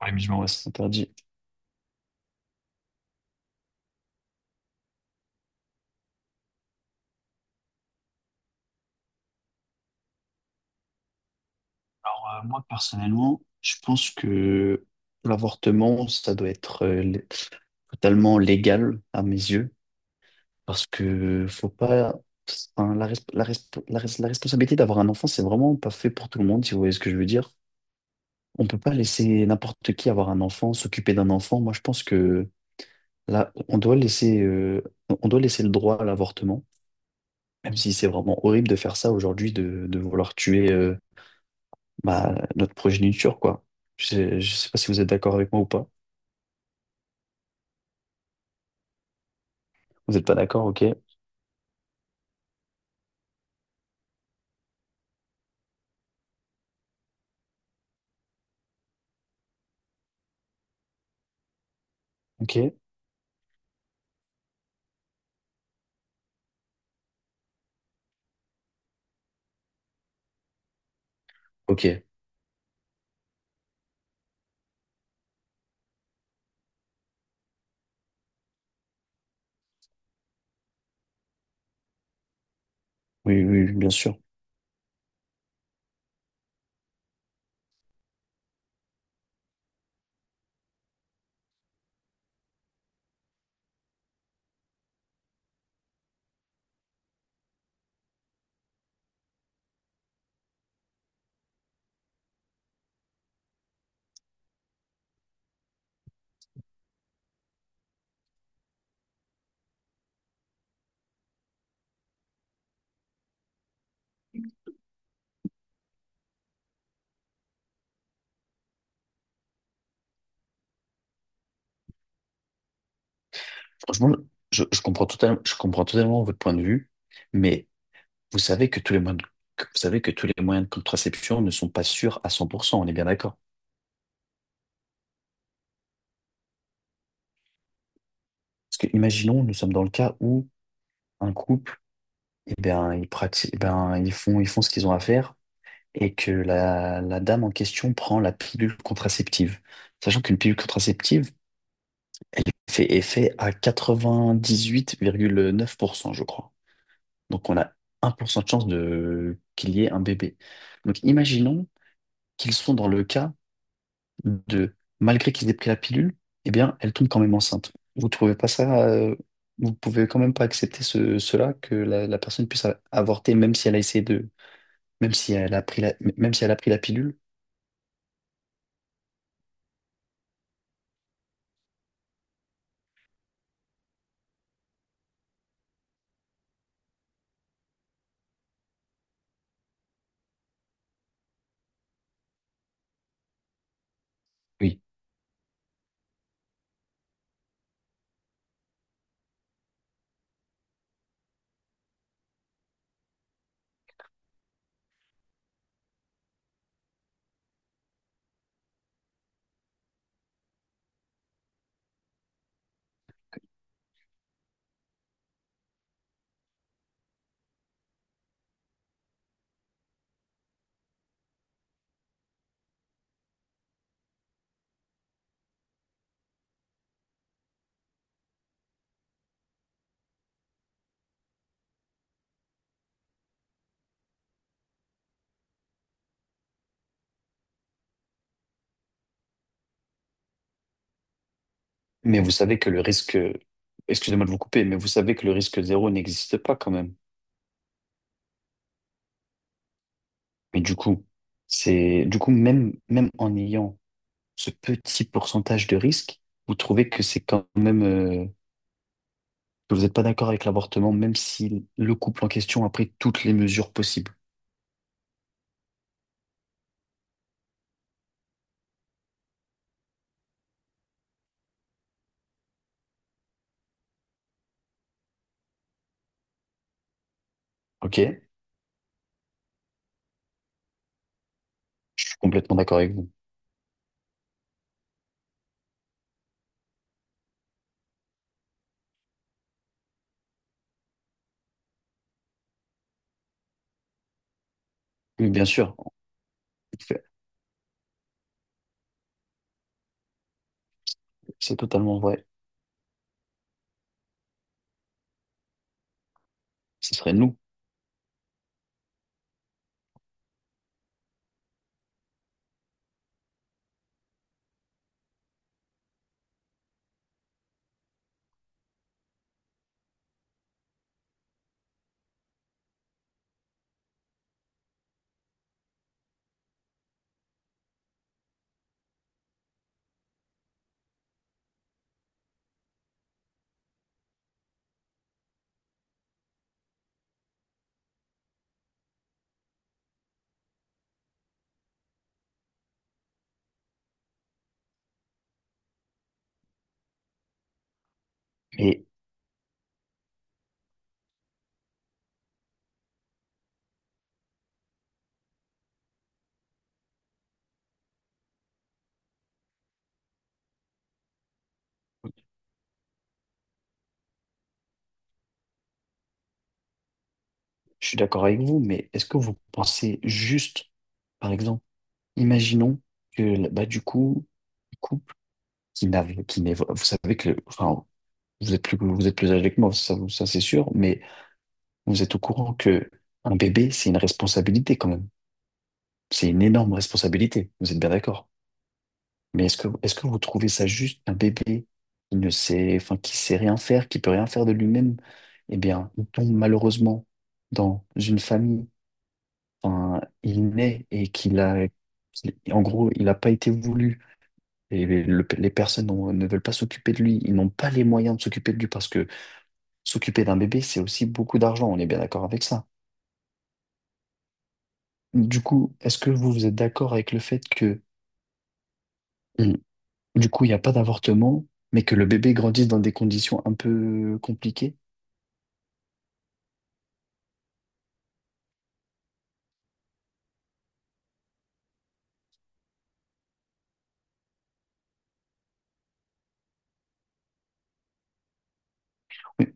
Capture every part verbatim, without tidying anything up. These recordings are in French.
Ouais, mais je m'en ouais, c'est interdit. Alors, euh, moi, personnellement, je pense que l'avortement, ça doit être euh, lé- totalement légal à mes yeux, parce que faut pas. Enfin, la, res- la, res- la, res- la responsabilité d'avoir un enfant, c'est vraiment pas fait pour tout le monde, si vous voyez ce que je veux dire. On peut pas laisser n'importe qui avoir un enfant, s'occuper d'un enfant. Moi, je pense que là, on doit laisser, euh, on doit laisser le droit à l'avortement, même si c'est vraiment horrible de faire ça aujourd'hui, de, de vouloir tuer. Euh, bah, notre progéniture, quoi. Je sais, je sais pas si vous êtes d'accord avec moi ou pas. Vous n'êtes pas d'accord, ok, ok. Ok. Oui, oui, oui, bien sûr. Franchement, je, je comprends totalement, je comprends totalement votre point de vue, mais vous savez que tous les moyens de, que vous savez que tous les moyens de contraception ne sont pas sûrs à cent pour cent, on est bien d'accord. Parce que imaginons, nous sommes dans le cas où un couple, eh bien, ils pratiquent, eh bien, ils font, ils font ce qu'ils ont à faire et que la, la dame en question prend la pilule contraceptive. Sachant qu'une pilule contraceptive, fait effet à quatre-vingt-dix-huit virgule neuf pour cent, je crois. Donc on a un pour cent de chance de qu'il y ait un bébé. Donc imaginons qu'ils sont dans le cas de, malgré qu'ils aient pris la pilule, eh bien, elle tombe quand même enceinte. Vous trouvez pas ça, euh, vous pouvez quand même pas accepter ce, cela, que la, la personne puisse a- avorter, même si elle a essayé de, même si elle a pris la, même si elle a pris la pilule. Oui. Mais vous savez que le risque, excusez-moi de vous couper, mais vous savez que le risque zéro n'existe pas quand même. Mais du coup, c'est du coup même même en ayant ce petit pourcentage de risque, vous trouvez que c'est quand même euh, que vous n'êtes pas d'accord avec l'avortement, même si le couple en question a pris toutes les mesures possibles. Ok, je suis complètement d'accord avec vous. Oui, bien sûr, en fait, c'est totalement vrai. Ce serait nous. Mais je suis d'accord avec vous. Mais est-ce que vous pensez juste, par exemple, imaginons que bah du coup, le couple qui n'avait, qui n'évo- vous savez que le- enfin vous êtes plus, vous êtes plus âgé que moi, ça, vous- ça c'est sûr, mais vous êtes au courant que un bébé, c'est une responsabilité quand même. C'est une énorme responsabilité, vous êtes bien d'accord. Mais est-ce que, est-ce que vous trouvez ça juste un bébé qui ne sait, enfin, qui sait rien faire, qui peut rien faire de lui-même? Eh bien, il tombe malheureusement dans une famille, enfin, il naît et qu'il a, qu'il- en gros, il n'a pas été voulu. Et les, le- les personnes n'ont- ne veulent pas s'occuper de lui, ils n'ont pas les moyens de s'occuper de lui parce que s'occuper d'un bébé, c'est aussi beaucoup d'argent, on est bien d'accord avec ça. Du coup, est-ce que vous, vous êtes d'accord avec le fait que, hmm, du coup, il n'y a pas d'avortement, mais que le bébé grandisse dans des conditions un peu compliquées? Oui,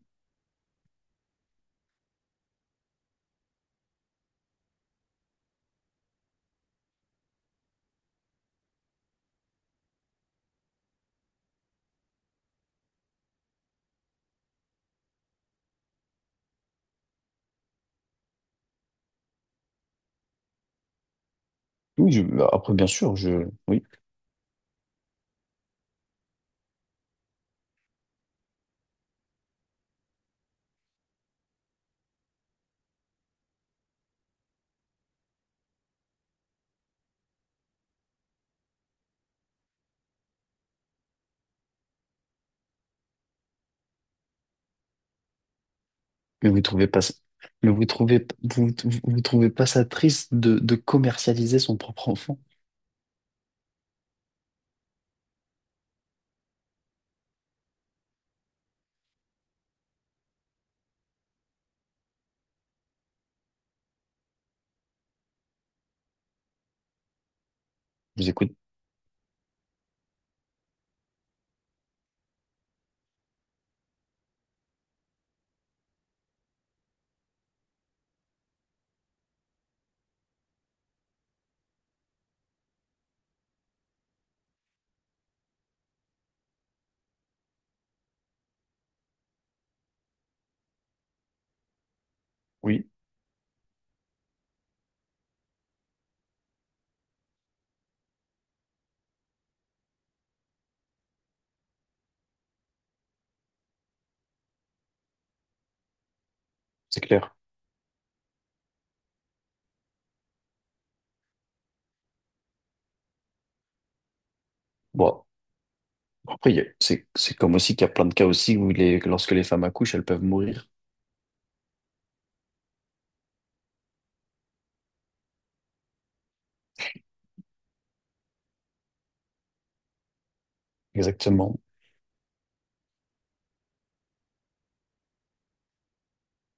oui, je- bah, après, bien sûr, je, oui, mais vous trouvez pas, ça- mais vous trouvez, vous, vous vous trouvez pas ça triste de, de commercialiser son propre enfant? Je vous écoute. Oui, c'est clair. Bon, après, il y a- c'est, c'est comme aussi qu'il y a plein de cas aussi où les, lorsque les femmes accouchent, elles peuvent mourir. Exactement.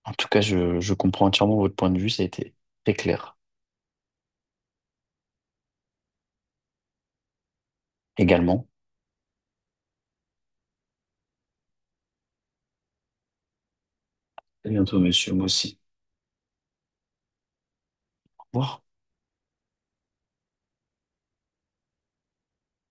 En tout cas, je, je comprends entièrement votre point de vue, ça a été très clair également. À bientôt, monsieur, moi aussi. Au revoir.